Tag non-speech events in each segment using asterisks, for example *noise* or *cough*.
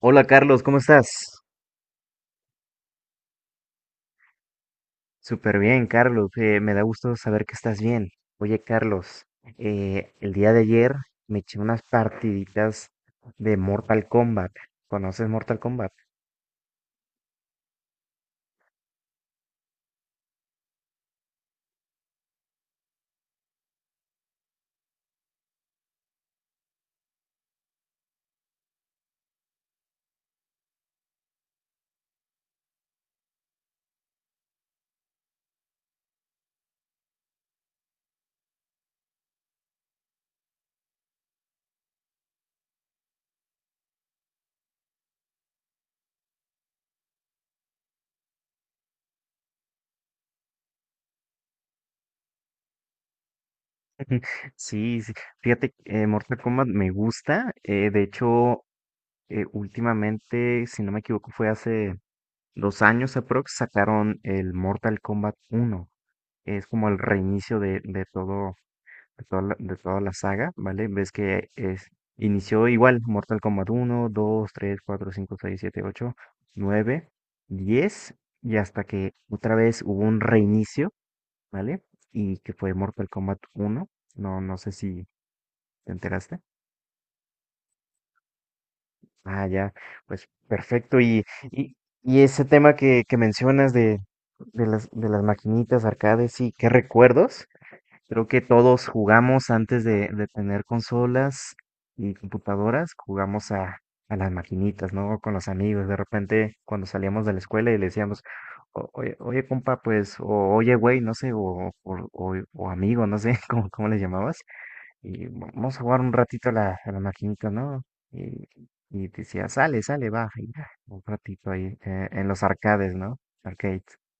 Hola Carlos, ¿cómo estás? Súper bien, Carlos. Me da gusto saber que estás bien. Oye, Carlos, el día de ayer me eché unas partiditas de Mortal Kombat. ¿Conoces Mortal Kombat? *laughs* Sí, sí. Fíjate, Mortal Kombat me gusta. De hecho, últimamente, si no me equivoco, fue hace 2 años aprox, sacaron el Mortal Kombat uno. Es como el reinicio de todo, de toda la saga, ¿vale? Ves que es, inició igual, Mortal Kombat uno, dos, tres, cuatro, cinco, seis, siete, ocho, nueve, 10, y hasta que otra vez hubo un reinicio, ¿vale? Y que fue Mortal Kombat uno. No, no sé si te enteraste. Ah, ya, pues perfecto. Y, y ese tema que mencionas de las maquinitas, arcades, sí, qué recuerdos. Creo que todos jugamos antes de tener consolas y computadoras, jugamos a las maquinitas, ¿no? Con los amigos. De repente, cuando salíamos de la escuela y le decíamos: "Oye, compa, pues, o oye, güey, no sé, o amigo, no sé, *laughs* cómo les llamabas, y vamos a jugar un ratito a la maquinita, ¿no?" Y, y decía, sale, sale, va, y ya, un ratito ahí, en los arcades, ¿no? Arcades. *laughs*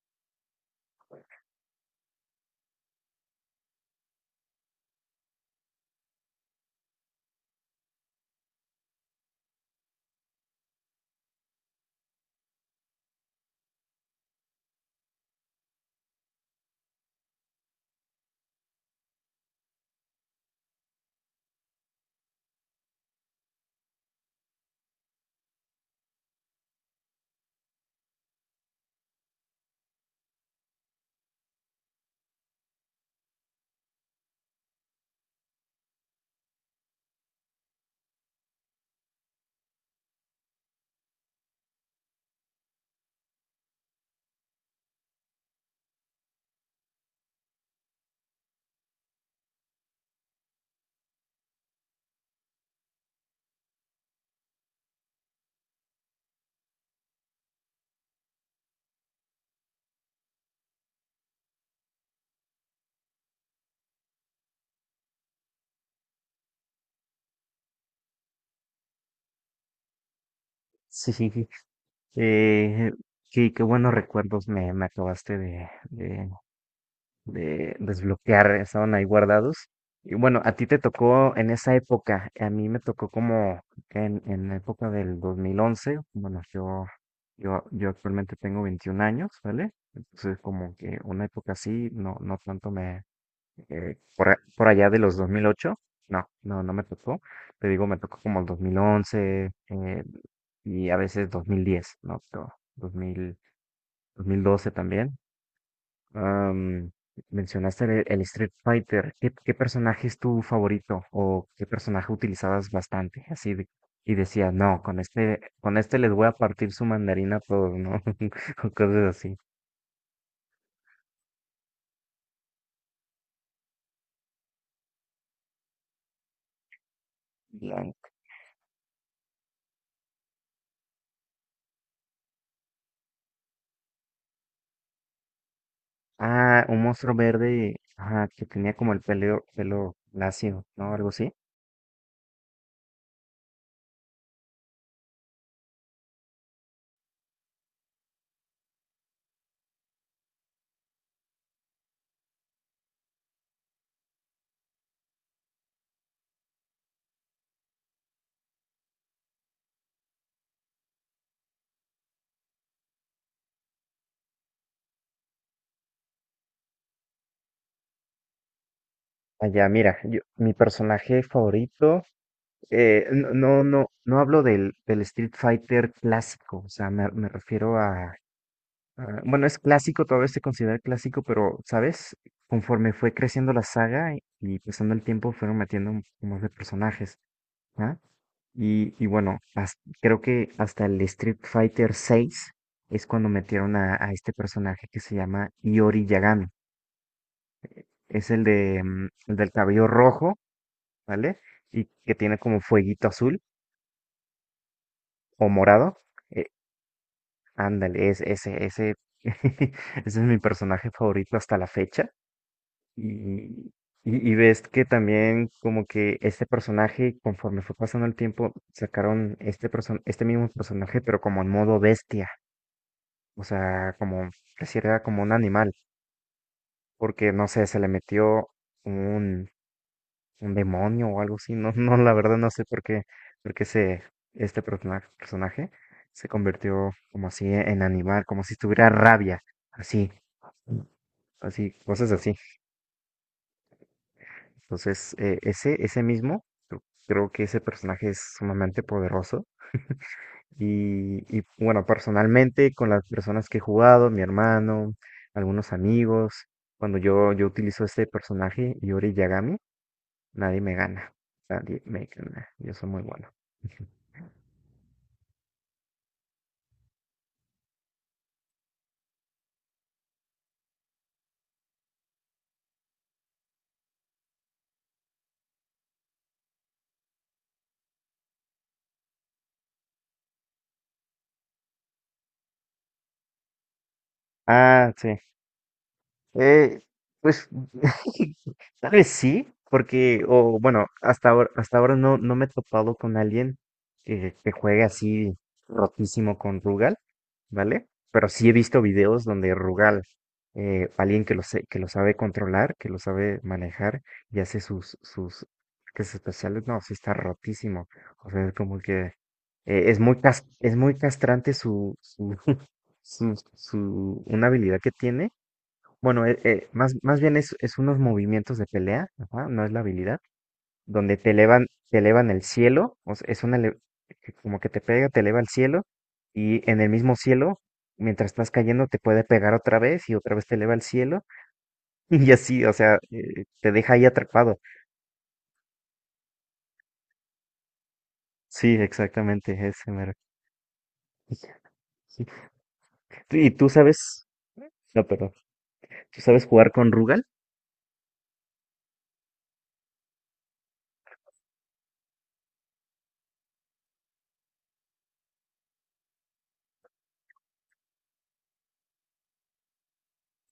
Sí. Eh, sí, qué buenos recuerdos me acabaste de desbloquear, estaban ahí guardados. Y bueno, a ti te tocó en esa época, a mí me tocó como en la época del 2011. Bueno, yo actualmente tengo 21 años, ¿vale? Entonces como que una época así, no, no tanto por allá de los 2008. No, no, no me tocó. Te digo, me tocó como el 2011, y a veces 2010, ¿no? Pero 2000, 2012 también. Am, mencionaste el Street Fighter. ¿Qué personaje es tu favorito o qué personaje utilizabas bastante? Y decías: no, con este les voy a partir su mandarina a todos, ¿no? *laughs* O cosas así. Ah, un monstruo verde, ajá, que tenía como el pelo, pelo lacio, ¿no? Algo así. Allá, mira, mi personaje favorito, no, no, no, no hablo del Street Fighter clásico, o sea, me refiero a bueno, es clásico, todavía se considera clásico, pero, ¿sabes? Conforme fue creciendo la saga y pasando el tiempo, fueron metiendo un poco más de personajes, ¿ah? Y bueno, creo que hasta el Street Fighter seis es cuando metieron a este personaje que se llama Iori Yagami. Es el de el del cabello rojo, ¿vale? Y que tiene como fueguito azul o morado. Eh, Ándale, *laughs* ese es mi personaje favorito hasta la fecha. Y, y ves que también como que este personaje, conforme fue pasando el tiempo, sacaron este, person este mismo personaje, pero como en modo bestia. O sea, como, pareciera era como un animal, porque no sé, se le metió un, un demonio o algo así. No, *laughs* no, la verdad no sé por qué este personaje se convirtió como así en animal, como si tuviera rabia, así, así, cosas así. Entonces, ese mismo, creo que ese personaje es sumamente poderoso. Bueno, personalmente con las personas que he jugado, mi hermano, algunos amigos, cuando yo utilizo este personaje, Yori Yagami, nadie me gana. Nadie me gana. Yo soy muy bueno. *laughs* Ah, sí. Eh, pues *laughs* tal vez sí, porque, o bueno, hasta ahora no, no me he topado con alguien que juegue así rotísimo con Rugal. ¿Vale? Pero sí he visto videos donde Rugal, alguien que lo sabe controlar, que lo sabe manejar y hace sus ataques especiales, no, sí está rotísimo. O sea, es como que es muy castrante *laughs* una habilidad que tiene. Bueno, más, más bien es unos movimientos de pelea, ajá, no es la habilidad donde te elevan el cielo, o sea, es una que como que te pega, te eleva el cielo, y en el mismo cielo, mientras estás cayendo, te puede pegar otra vez y otra vez te eleva el cielo, *laughs* y así, o sea, te deja ahí atrapado. Sí, exactamente, ese mero. *laughs* Sí. ¿Y tú sabes? No, perdón. ¿Tú sabes jugar con Rugal?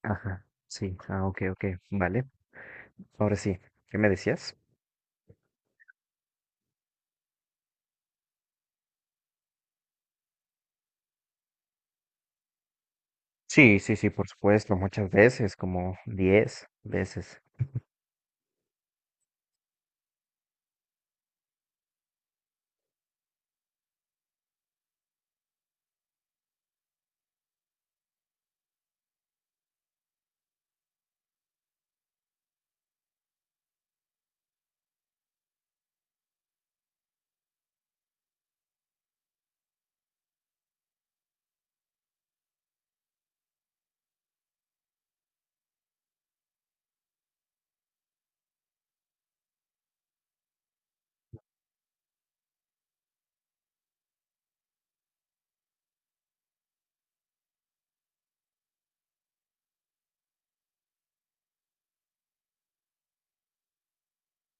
Ajá. Sí. Ah, ok, ok. Vale. Ahora sí. ¿Qué me decías? Sí, sí, sí, por supuesto, muchas veces, como 10 veces.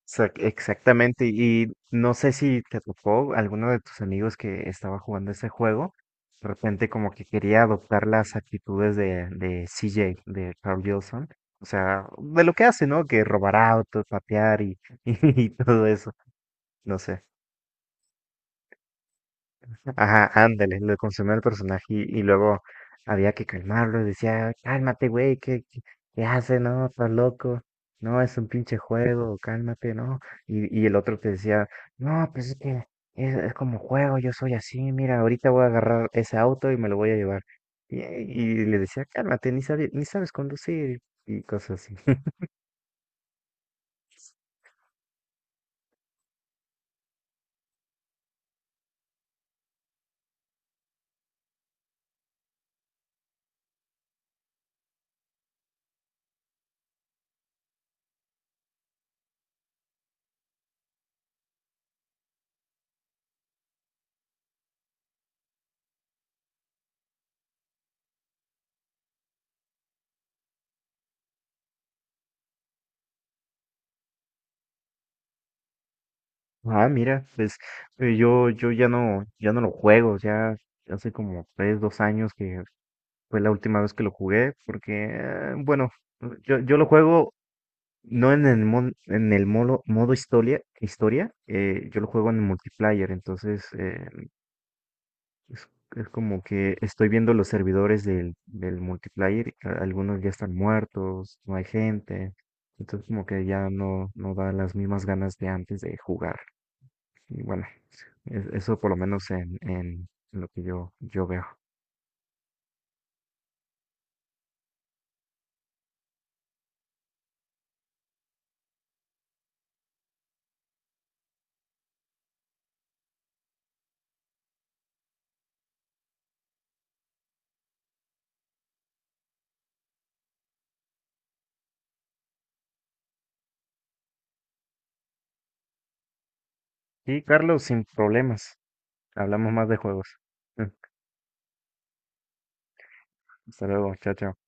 Exactamente, y no sé si te tocó alguno de tus amigos que estaba jugando ese juego, de repente como que quería adoptar las actitudes de CJ, de Carl Wilson, o sea, de lo que hace, ¿no? Que robar autos, patear y, *laughs* y todo eso, no sé. Ajá, ándale, lo consumió el personaje y luego había que calmarlo, decía: cálmate, güey, ¿qué hace? No, estás loco, no, es un pinche juego, cálmate, ¿no? Y el otro te decía: no, pues es que es como juego, yo soy así, mira, ahorita voy a agarrar ese auto y me lo voy a llevar. Y le decía: cálmate, ni sabes, ni sabes conducir y cosas así. *laughs* Ah, mira, pues yo ya no, ya no lo juego, ya hace como tres, dos años que fue la última vez que lo jugué, porque, bueno, yo lo juego no en el modo, historia, yo lo juego en multiplayer, entonces es, es como que estoy viendo los servidores del multiplayer, y algunos ya están muertos, no hay gente, entonces como que ya no, no da las mismas ganas de antes de jugar. Y bueno, eso por lo menos en lo que yo veo. Y Carlos, sin problemas, hablamos más de juegos. Hasta luego, chao, chao.